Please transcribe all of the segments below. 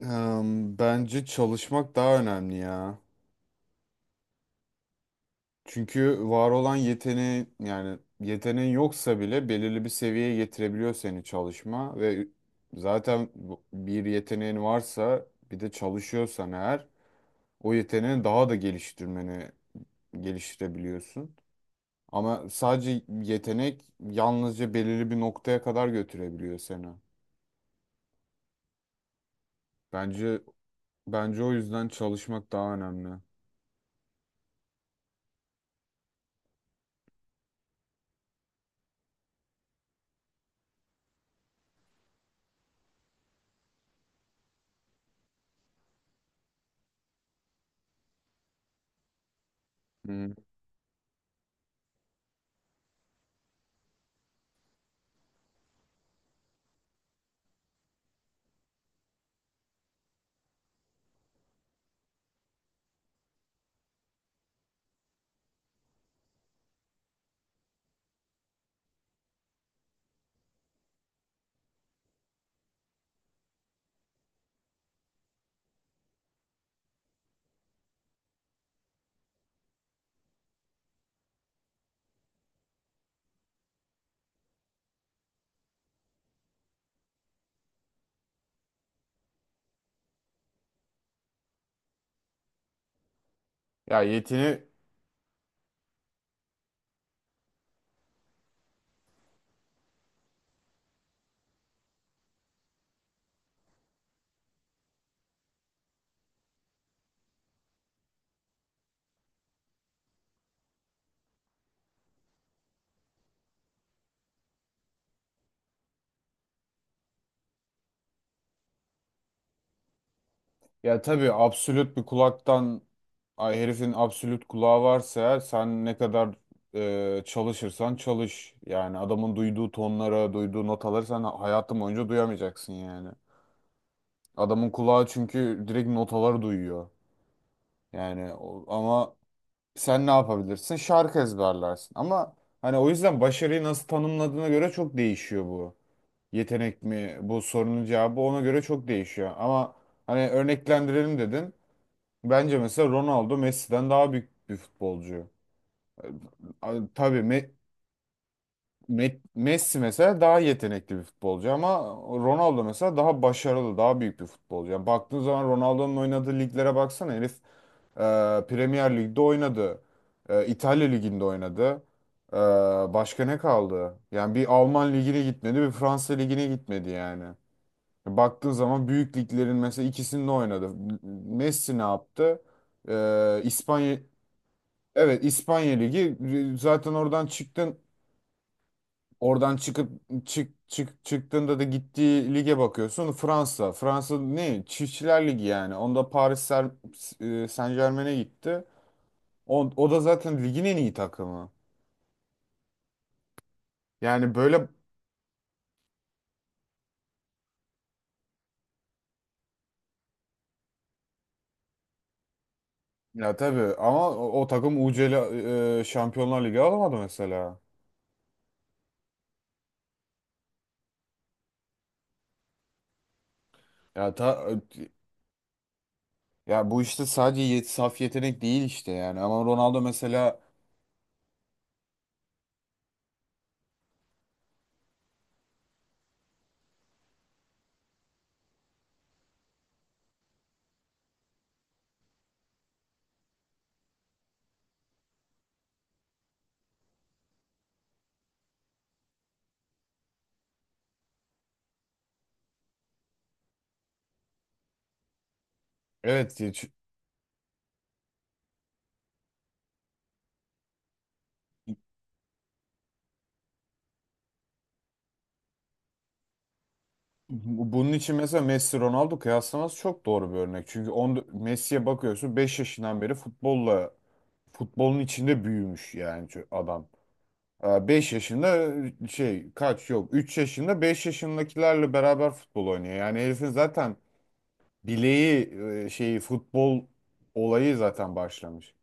Bence çalışmak daha önemli ya. Çünkü var olan yani yeteneğin yoksa bile belirli bir seviyeye getirebiliyor seni, çalışma ve zaten bir yeteneğin varsa bir de çalışıyorsan eğer o yeteneğini daha da geliştirebiliyorsun. Ama sadece yetenek yalnızca belirli bir noktaya kadar götürebiliyor seni. Bence bence o yüzden çalışmak daha önemli. Hı. Ya yetine Ya tabii, absolut bir kulaktan ay herifin absolut kulağı varsa eğer, sen ne kadar çalışırsan çalış. Yani adamın duyduğu tonlara, duyduğu notaları sen hayatın boyunca duyamayacaksın yani. Adamın kulağı çünkü direkt notaları duyuyor. Yani ama sen ne yapabilirsin? Şarkı ezberlersin. Ama hani o yüzden başarıyı nasıl tanımladığına göre çok değişiyor bu. Yetenek mi, bu sorunun cevabı ona göre çok değişiyor. Ama hani, örneklendirelim dedin. Bence mesela Ronaldo Messi'den daha büyük bir futbolcu. Tabii, Messi mesela daha yetenekli bir futbolcu ama Ronaldo mesela daha başarılı, daha büyük bir futbolcu. Yani baktığın zaman Ronaldo'nun oynadığı liglere baksana, herif e, Premier Lig'de oynadı. İtalya Ligi'nde oynadı. E, Başka ne kaldı? Yani bir Alman Ligi'ne gitmedi, bir Fransa Ligi'ne gitmedi yani. Baktığın zaman büyük liglerin mesela ikisinde oynadı. Messi ne yaptı? İspanya Evet, İspanya Ligi, zaten oradan çıkıp, çıktığında da gittiği lige bakıyorsun. Fransa ne, Çiftçiler Ligi yani. Onda Paris Saint-Germain'e gitti, o da zaten ligin en iyi takımı yani, böyle. Ya tabii ama o takım UCL, Şampiyonlar Ligi alamadı mesela. ya ta, Ya bu işte sadece saf yetenek değil işte yani, ama Ronaldo mesela. Evet. Bunun için mesela Messi Ronaldo kıyaslaması çok doğru bir örnek. Çünkü Messi'ye bakıyorsun, 5 yaşından beri futbolun içinde büyümüş yani adam. Beş yaşında, şey, kaç, yok, 3 yaşında, 5 yaşındakilerle beraber futbol oynuyor. Yani herifin zaten bileği, şeyi, futbol olayı zaten başlamış.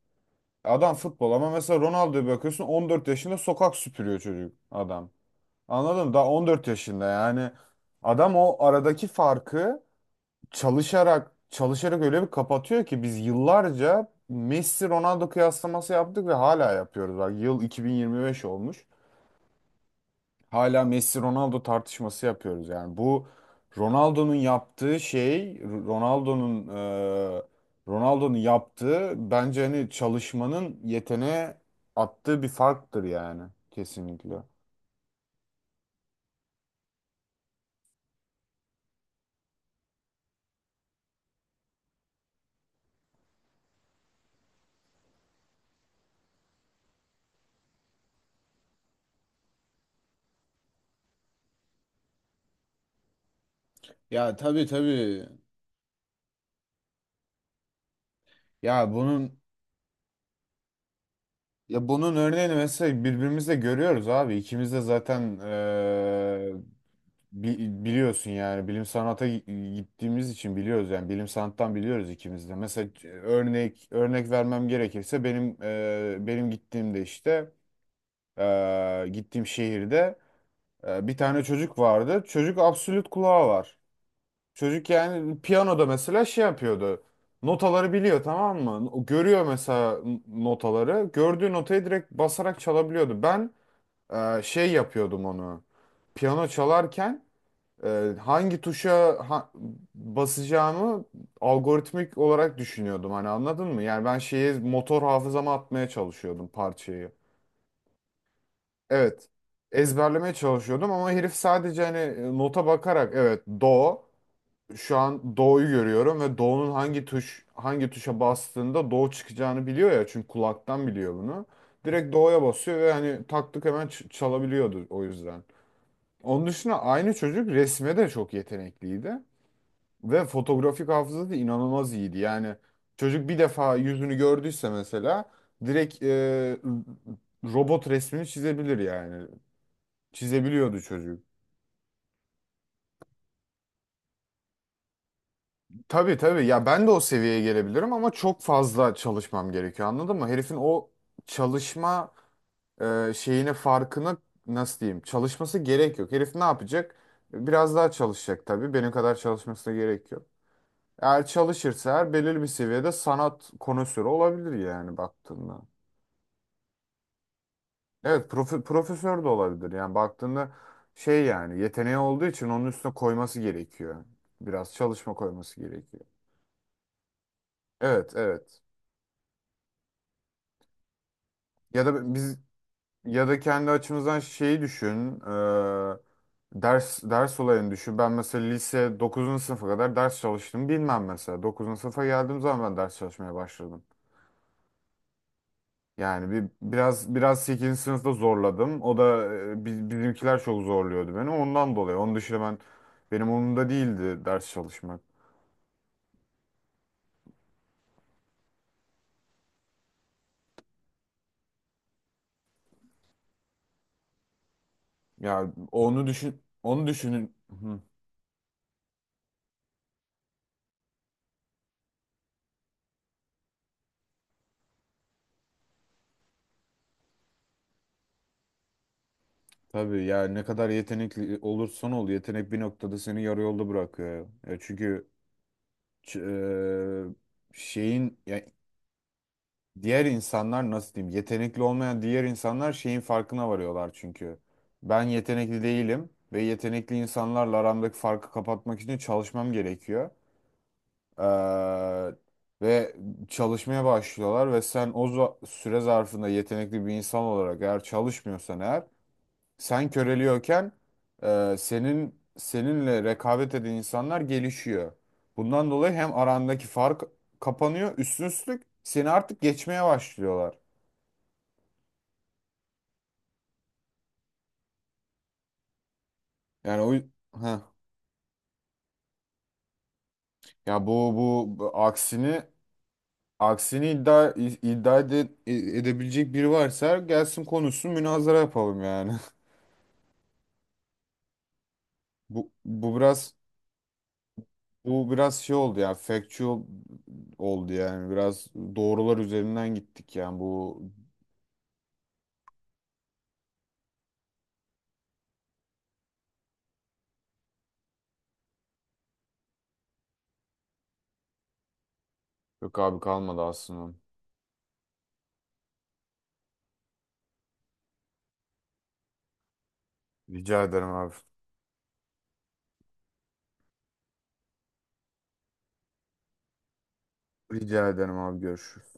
Adam futbol ama mesela Ronaldo'ya bakıyorsun, 14 yaşında sokak süpürüyor çocuk adam. Anladın mı? Daha 14 yaşında yani adam. O aradaki farkı çalışarak çalışarak öyle bir kapatıyor ki biz yıllarca Messi Ronaldo kıyaslaması yaptık ve hala yapıyoruz. Bak yıl 2025 olmuş. Hala Messi Ronaldo tartışması yapıyoruz. Yani bu, Ronaldo'nun yaptığı şey, Ronaldo'nun e, Ronaldo'nun yaptığı bence hani çalışmanın yeteneğe attığı bir farktır yani, kesinlikle. Ya tabii tabii. Ya bunun Ya bunun örneğini mesela birbirimizle görüyoruz abi. İkimiz de zaten biliyorsun yani, bilim sanata gittiğimiz için biliyoruz yani, bilim sanattan biliyoruz ikimiz de. Mesela örnek vermem gerekirse, benim benim gittiğimde işte, gittiğim şehirde, bir tane çocuk vardı. Çocuk absolut kulağı var. Çocuk yani, piyanoda mesela şey yapıyordu. Notaları biliyor tamam mı? O görüyor mesela notaları. Gördüğü notayı direkt basarak çalabiliyordu. Ben şey yapıyordum onu. Piyano çalarken, hangi tuşa basacağımı algoritmik olarak düşünüyordum. Hani, anladın mı? Yani ben şeyi motor hafızama atmaya çalışıyordum, parçayı. Evet. Ezberlemeye çalışıyordum ama herif sadece hani nota bakarak, evet do, şu an doğuyu görüyorum ve doğunun hangi tuşa bastığında doğu çıkacağını biliyor ya, çünkü kulaktan biliyor bunu. Direkt doğuya basıyor ve hani taktık, hemen çalabiliyordu o yüzden. Onun dışında aynı çocuk resme de çok yetenekliydi ve fotografik hafızası da inanılmaz iyiydi. Yani çocuk bir defa yüzünü gördüyse mesela direkt robot resmini çizebilir yani. Çizebiliyordu çocuk. Tabii tabii ya, ben de o seviyeye gelebilirim ama çok fazla çalışmam gerekiyor, anladın mı? Herifin o çalışma şeyine, farkına, nasıl diyeyim, çalışması gerek yok. Herif ne yapacak? Biraz daha çalışacak tabii, benim kadar çalışmasına gerek yok. Eğer çalışırsa her belirli bir seviyede sanat konusörü olabilir yani, baktığında. Evet, profesör de olabilir yani baktığında, şey yani, yeteneği olduğu için onun üstüne koyması gerekiyor. Biraz çalışma koyması gerekiyor. Evet evet. Ya da biz Ya da kendi açımızdan şeyi düşün. Ders olayını düşün. Ben mesela lise 9. sınıfa kadar ders çalıştım. Bilmem, mesela 9. sınıfa geldiğim zaman ben ders çalışmaya başladım. Yani bir biraz 8. sınıfta zorladım. O da bizimkiler çok zorluyordu beni, ondan dolayı. Onun dışında benim umurumda değildi ders çalışmak. Ya onu düşün, onu düşünün. Hı, tabii ya, ne kadar yetenekli olursan ol, yetenek bir noktada seni yarı yolda bırakıyor. Ya çünkü, Ç- e, şeyin ya, diğer insanlar nasıl diyeyim, yetenekli olmayan diğer insanlar şeyin farkına varıyorlar çünkü. Ben yetenekli değilim ve yetenekli insanlarla aramdaki farkı kapatmak için çalışmam gerekiyor. Ee, Ve çalışmaya başlıyorlar ve sen süre zarfında yetenekli bir insan olarak eğer çalışmıyorsan, eğer sen köreliyorken, seninle rekabet eden insanlar gelişiyor. Bundan dolayı hem arandaki fark kapanıyor, üstün üstlük seni artık geçmeye başlıyorlar. Yani o, heh. Ya bu aksini iddia edebilecek biri varsa gelsin konuşsun, münazara yapalım yani. Bu bu biraz bu biraz şey oldu ya, factual oldu yani, biraz doğrular üzerinden gittik yani bu. Yok abi, kalmadı aslında. Rica ederim abi. Rica ederim abi. Görüşürüz.